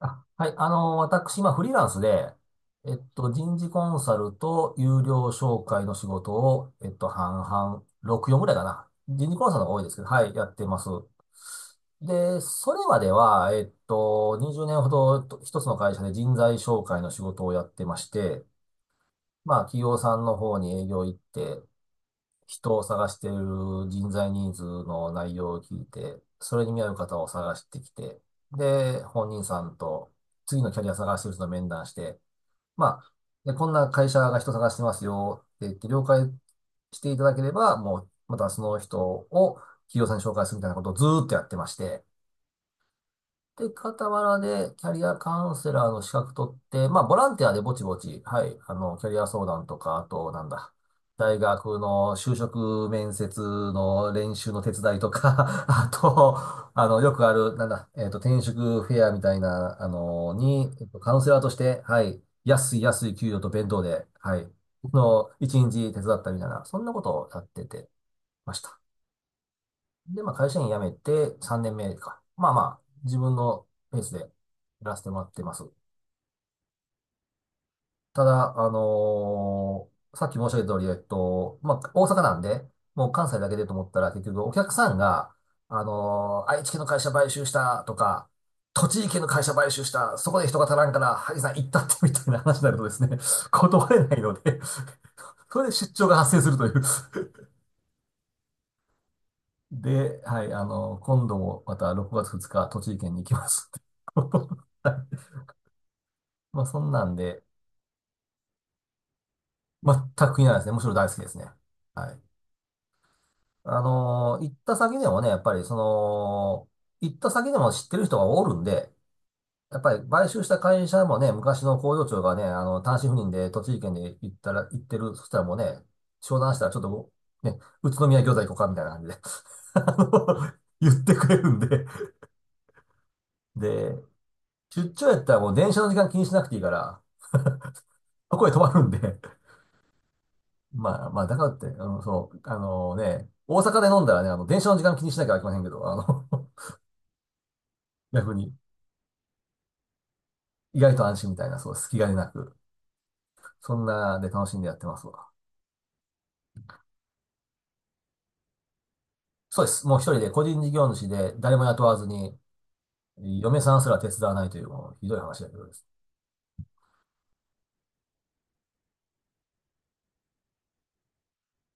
あ、はい。私、今、フリーランスで、人事コンサルと有料紹介の仕事を、半々、6、4ぐらいかな。人事コンサルの方が多いですけど、はい、やってます。で、それまでは、20年ほどと一つの会社で人材紹介の仕事をやってまして、まあ、企業さんの方に営業行って、人を探している人材ニーズの内容を聞いて、それに見合う方を探してきて、で、本人さんと次のキャリア探してる人と面談して、まあ、で、こんな会社が人探してますよって言って了解していただければ、もう、またその人を企業さんに紹介するみたいなことをずーっとやってまして、で、傍らでキャリアカウンセラーの資格取って、まあ、ボランティアでぼちぼち、はい、キャリア相談とか、あと、なんだ、大学の就職面接の練習の手伝いとか、あと、よくある、なんだ、えっと、転職フェアみたいな、に、カウンセラーとして、はい、安い安い給料と弁当で、はい、の、一日手伝ったみたいな、そんなことをやっててました。で、まあ、会社員辞めて3年目か。まあまあ、自分のペースでやらせてもらってます。ただ、さっき申し上げた通り、まあ、大阪なんで、もう関西だけでと思ったら、結局お客さんが、愛知県の会社買収したとか、栃木県の会社買収した、そこで人が足らんから、萩さん行ったってみたいな話になるとですね、断れないので、それで出張が発生するというで、はい、今度もまた6月2日、栃木県に行きますってことで。はい、まあ、そんなんで、全くいならないですね。むしろ大好きですね。はい。行った先でもね、やっぱりその、行った先でも知ってる人がおるんで、やっぱり買収した会社もね、昔の工場長がね、単身赴任で栃木県で行ったら、行ってる、そしたらもうね、商談したらちょっともう、ね、宇都宮餃子行こうかみたいな感じで あの言ってくれるんで、で、出張やったらもう電車の時間気にしなくていいから、そこへ泊まるんで まあまあ、だからって、うん、そう、大阪で飲んだらね、電車の時間気にしなきゃいけませんけど、逆に、意外と安心みたいな、そう、隙がなく、そんなで楽しんでやってますわ。そうです。もう一人で個人事業主で誰も雇わずに、嫁さんすら手伝わないという、もうひどい話だけどですね。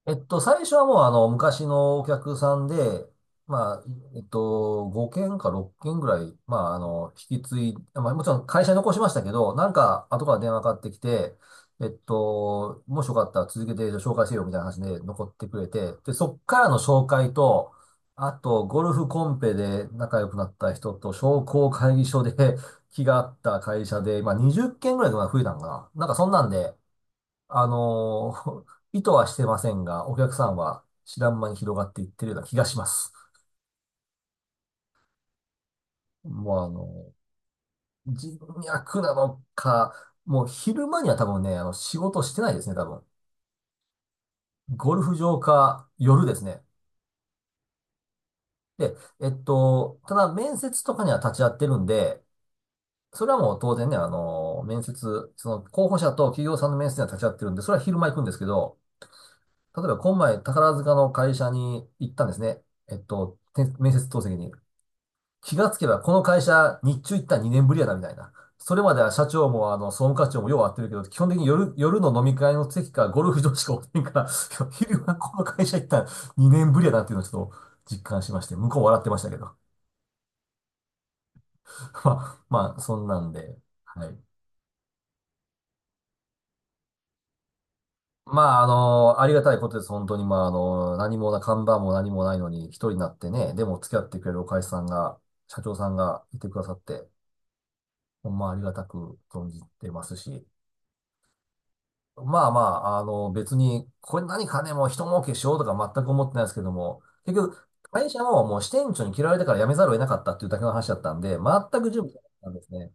最初はもう昔のお客さんで、まあ、5件か6件ぐらい、まあ、あの、引き継い、まあ、もちろん会社に残しましたけど、なんか後から電話かかってきて、もしよかったら続けて紹介せよみたいな話で残ってくれて、で、そっからの紹介と、あと、ゴルフコンペで仲良くなった人と、商工会議所で 気が合った会社で、まあ、20件ぐらいとか増えたのかな。なんかそんなんで、あのー 意図はしてませんが、お客さんは知らん間に広がっていってるような気がします。もう人脈なのか、もう昼間には多分ね、仕事してないですね、多分。ゴルフ場か夜ですね。で、ただ面接とかには立ち会ってるんで、それはもう当然ね、あの面接、その候補者と企業さんの面接には立ち会ってるんで、それは昼間行くんですけど、例えば今前宝塚の会社に行ったんですね。て面接当席に。気がつけばこの会社日中行ったら2年ぶりやなみたいな。それまでは社長もあの総務課長もよう会ってるけど、基本的に夜の飲み会の席かゴルフ場しかおってんから、昼はこの会社行ったら2年ぶりやなっていうのをちょっと実感しまして、向こう笑ってましたけど。まあ、まあ、そんなんで、はい。まあ、ありがたいことです。本当に、まあ、あの、何もな、看板も何もないのに一人になってね、でも付き合ってくれるお会社さんが、社長さんがいてくださって、ほんまありがたく存じてますし、まあまあ、別に、これ何かね、もう一儲けしようとか全く思ってないですけども、結局、会社ももう支店長に嫌われたから辞めざるを得なかったっていうだけの話だったんで、全く準備なかったんですね。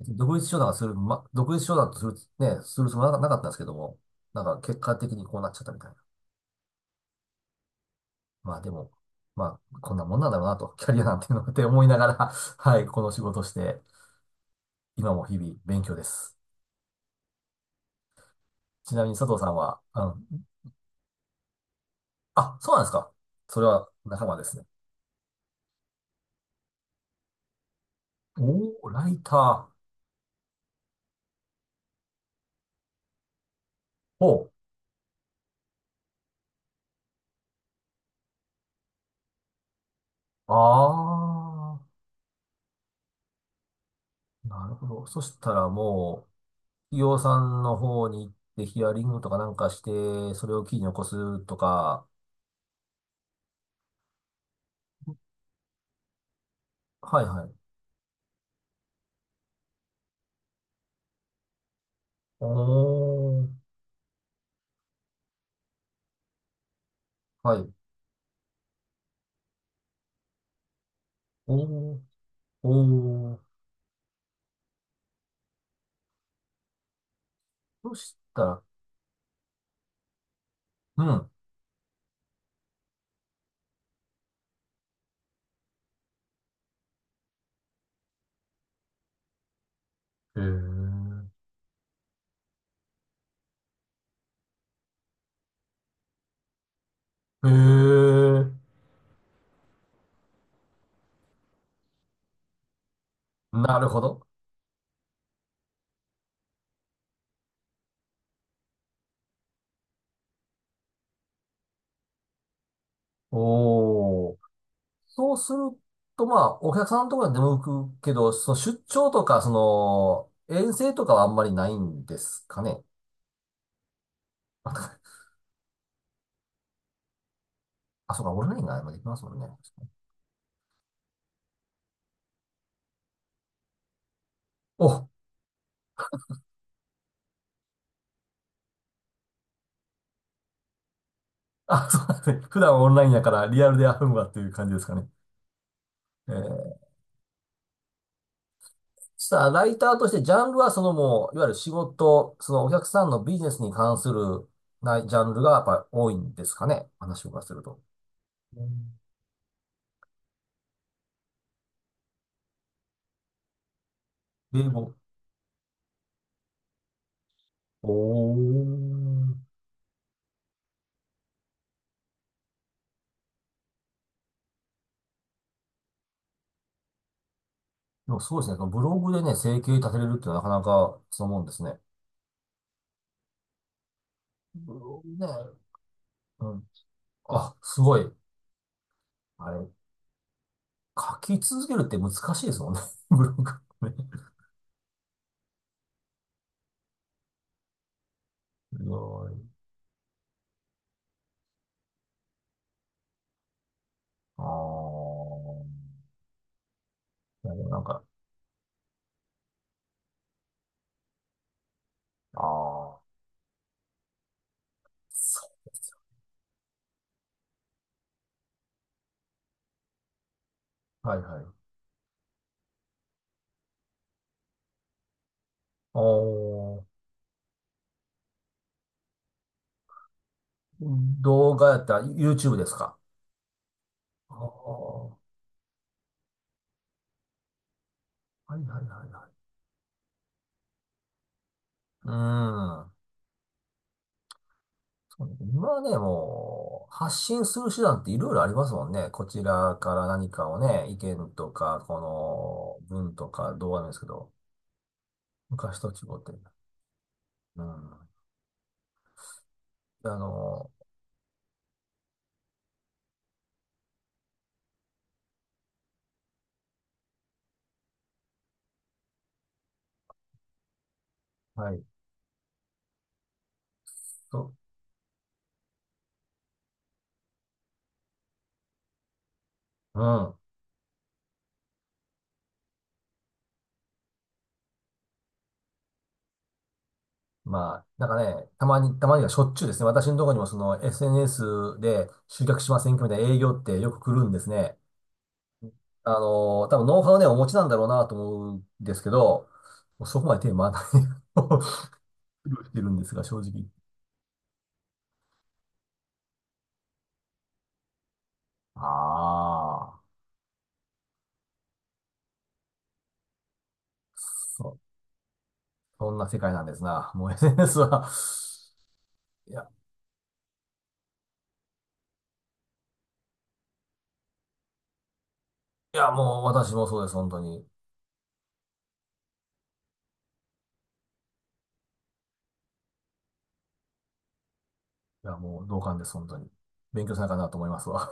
独立商談がする、ま、独立商談とする、ね、するつもりはなかったんですけども、なんか結果的にこうなっちゃったみたいな。まあでも、まあ、こんなもんなんだろうなと、キャリアなんていうのって思いながら、はい、この仕事をして、今も日々勉強です。ちなみに佐藤さんは、あ、そうなんですか。それは仲間ですね。おー、ライター。ほう。ああ、なるほど。そしたらもう、企業さんの方に行ってヒアリングとかなんかして、それを記事に起こすとか。はいはい。おー、はい。おー、おー。そしたら、うん。へえ。へえ。なるほど。おー。そうすると、まあ、お客さんのところには出向くけど、その出張とか、その、遠征とかはあんまりないんですかね。あ、あそうか、オンラインが今できますもんね。お、あ、そうなんですね。普段オンラインやからリアルであるのわっていう感じですかね。えー、さあライターとしてジャンルはそのもう、いわゆる仕事、そのお客さんのビジネスに関するなジャンルがやっぱり多いんですかね。話を伺わせると。うん、英語。おー。でもそうですね。ブログでね、生計立てれるってのはなかなかそう思うんですね。ブログね。うん。あ、すごい。あれ、書き続けるって難しいですもんね。ブログね。すごい。ああ。いやでもなんか、ああ。そう。はいはい。ああ。動画やったら YouTube ですか。ああ。はいはいはいはい。うん。今はね、もう、発信する手段っていろいろありますもんね。こちらから何かをね、意見とか、この文とか動画なんですけど、昔と違って。うん。あの、はい。と、うん。まあ、なんかね、たまにはしょっちゅうですね。私のところにもその SNS で集客しませんかみたいな営業ってよく来るんですね。多分ノウハウね、お持ちなんだろうなと思うんですけど、そこまで手回らない。苦労してるんですが、正直。ああ、そ、そんな世界なんですな。もう SNS は、いや、いや、もう私もそうです、本当に。いや、もう同感です、本当に。勉強しなあかんなと思いますわ。